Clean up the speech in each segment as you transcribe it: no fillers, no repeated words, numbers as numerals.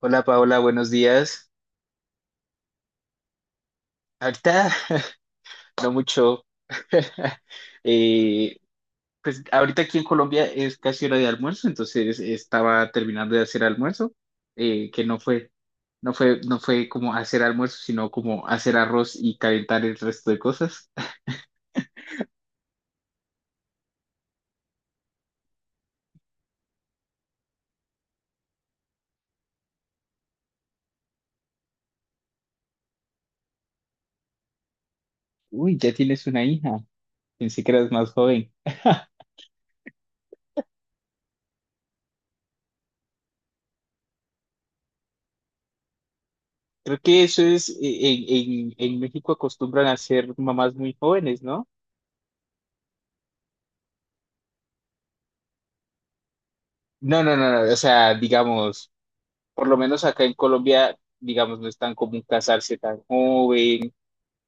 Hola Paola, buenos días. Ahorita no mucho. Eh, pues ahorita aquí en Colombia es casi hora de almuerzo, entonces estaba terminando de hacer almuerzo, que no fue, no fue, no fue como hacer almuerzo, sino como hacer arroz y calentar el resto de cosas. Uy, ya tienes una hija. Pensé que eras más joven. Creo que eso es, en México acostumbran a ser mamás muy jóvenes, ¿no? No, no, no, no, o sea, digamos, por lo menos acá en Colombia, digamos, no es tan común casarse tan joven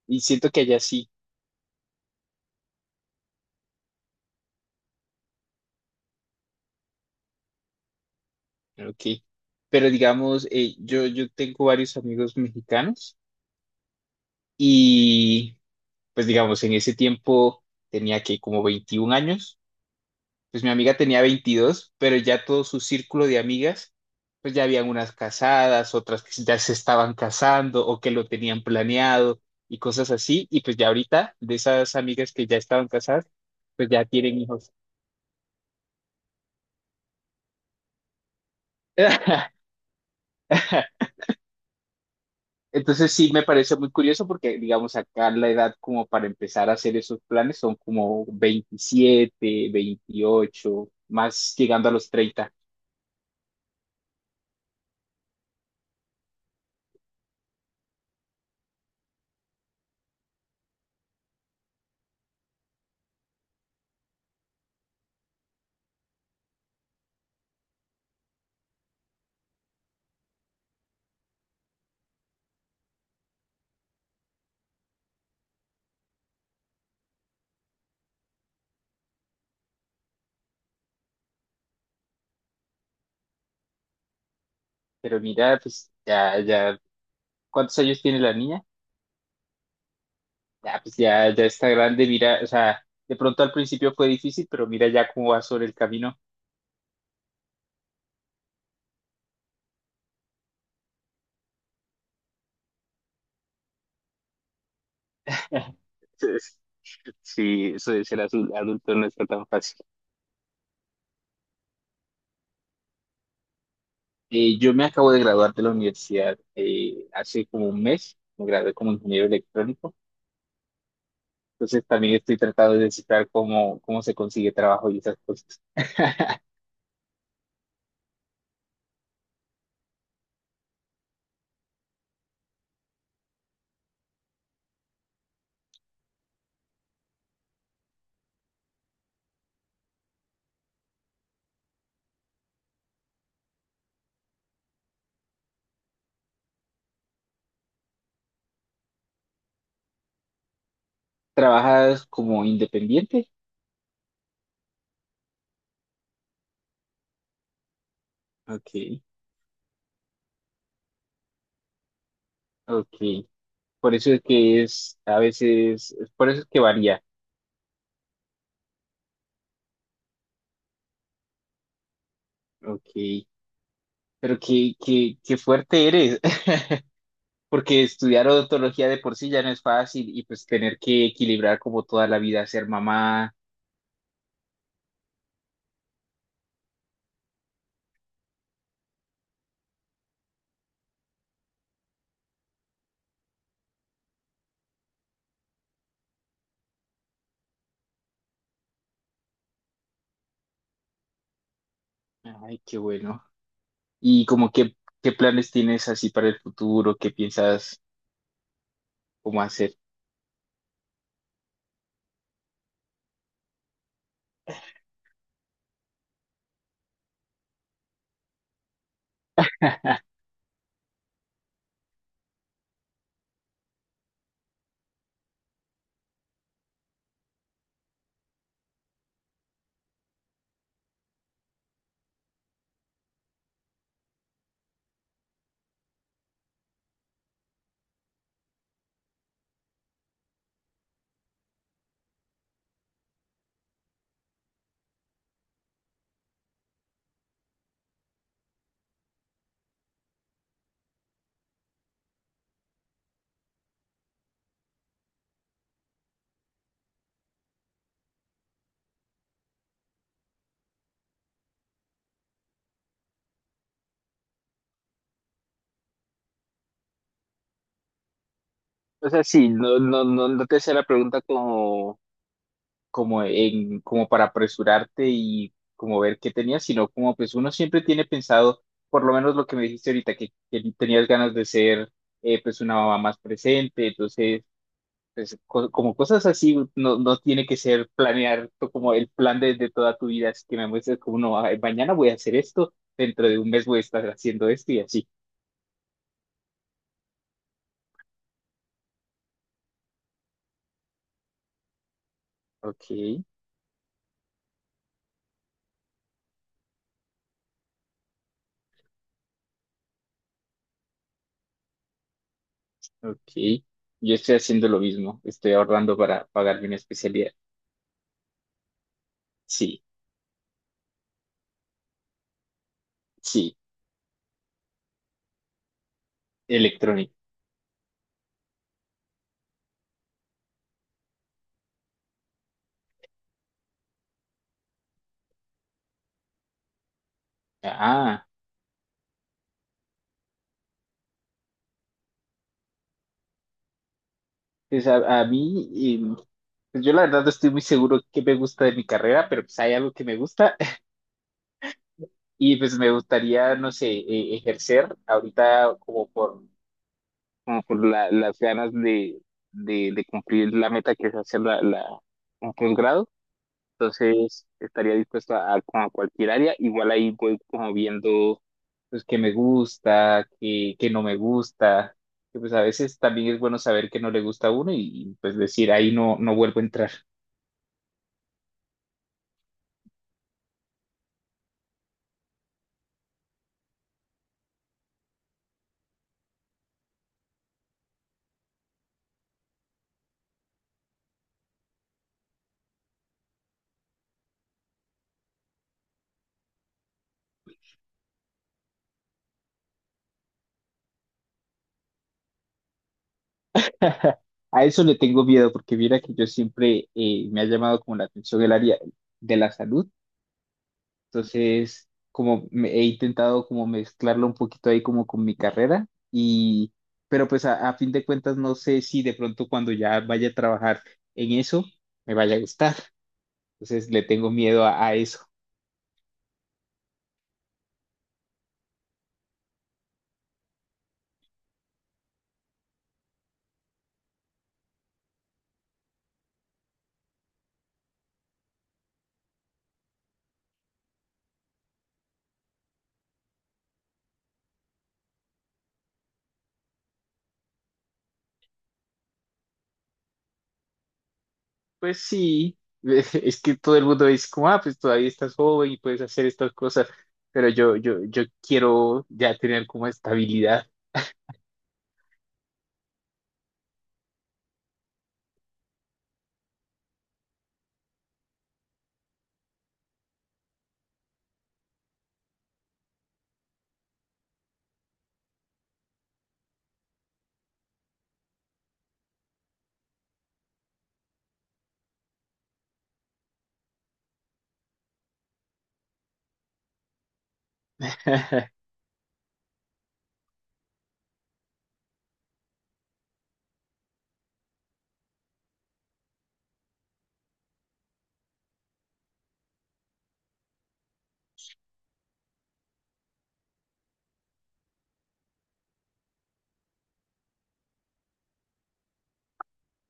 y siento que allá sí. Ok. Pero digamos, yo tengo varios amigos mexicanos y pues digamos, en ese tiempo tenía que como 21 años, pues mi amiga tenía 22, pero ya todo su círculo de amigas, pues ya habían unas casadas, otras que ya se estaban casando o que lo tenían planeado y cosas así. Y pues ya ahorita de esas amigas que ya estaban casadas, pues ya tienen hijos. Entonces sí me parece muy curioso porque, digamos, acá la edad como para empezar a hacer esos planes son como 27, 28, más llegando a los 30. Pero mira, pues ya, ya, ¿cuántos años tiene la niña? Ya, pues ya está grande, mira, o sea, de pronto al principio fue difícil, pero mira ya cómo va sobre el camino. Entonces, sí, eso de ser adulto no está tan fácil. Yo me acabo de graduar de la universidad, hace como un mes, me gradué como ingeniero electrónico, entonces también estoy tratando de descifrar cómo se consigue trabajo y esas cosas. ¿Trabajas como independiente? Ok, ok. Por eso es que es, a veces, por eso es que varía. Ok, pero qué fuerte eres, porque estudiar odontología de por sí ya no es fácil y pues tener que equilibrar como toda la vida, ser mamá. Ay, qué bueno. Y como qué planes tienes así para el futuro, qué piensas cómo hacer. O sea, sí, no, no, no, no te hacía la pregunta como, como para apresurarte y como ver qué tenías, sino como pues uno siempre tiene pensado, por lo menos lo que me dijiste ahorita, que tenías ganas de ser, pues una mamá más presente, entonces pues como cosas así, no, tiene que ser planear como el plan de toda tu vida, así que me muestres como no, ay, mañana voy a hacer esto, dentro de un mes voy a estar haciendo esto y así. Ok, ok. Yo estoy haciendo lo mismo. Estoy ahorrando para pagarme una especialidad. Sí, sí, electrónica. Ah, pues a mí, pues yo la verdad no estoy muy seguro qué me gusta de mi carrera, pero pues hay algo que me gusta. Y pues me gustaría, no sé, ejercer ahorita como por, las ganas de cumplir la meta que es hacer un posgrado. Entonces, estaría dispuesto a, como a cualquier área. Igual ahí voy como viendo, pues, qué me gusta, qué no me gusta. Que pues a veces también es bueno saber qué no le gusta a uno pues decir, ahí no, no vuelvo a entrar. A eso le tengo miedo porque mira que yo siempre, me ha llamado como la atención el área de la salud. Entonces, como he intentado como mezclarlo un poquito ahí como con mi carrera, y pero pues a fin de cuentas no sé si de pronto cuando ya vaya a trabajar en eso me vaya a gustar. Entonces le tengo miedo a eso. Pues sí, es que todo el mundo dice como, ah, pues todavía estás joven y puedes hacer estas cosas, pero yo quiero ya tener como estabilidad.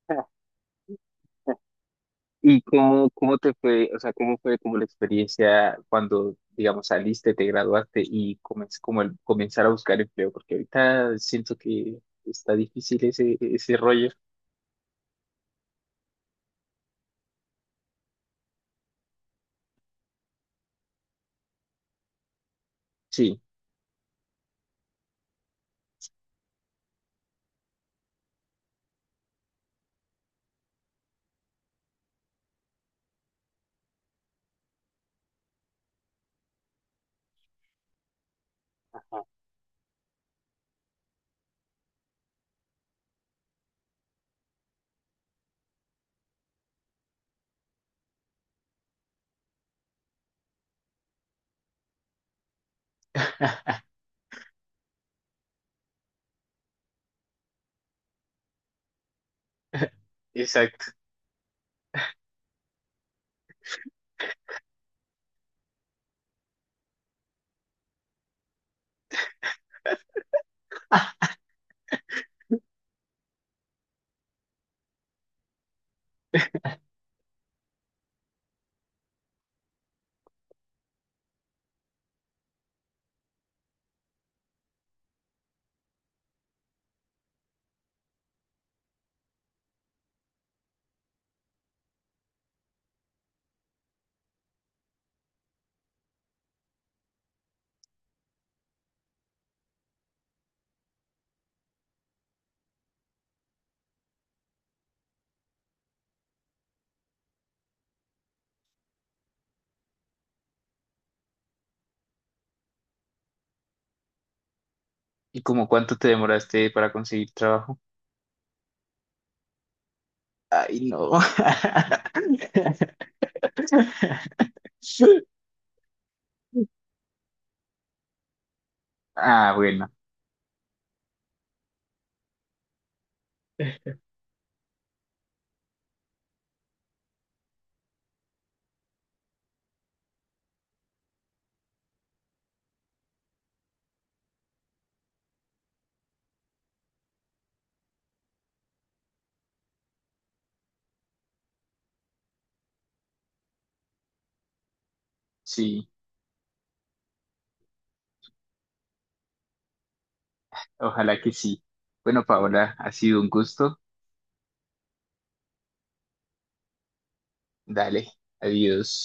¿Y cómo te fue, o sea, cómo fue como la experiencia cuando, digamos, saliste, te graduaste y comenzar a buscar empleo? Porque ahorita siento que está difícil ese rollo. Sí, exacto. ¿Y como cuánto te demoraste para conseguir trabajo? Ay, no. Ah, bueno, sí, ojalá que sí. Bueno, Paola, ha sido un gusto. Dale, adiós.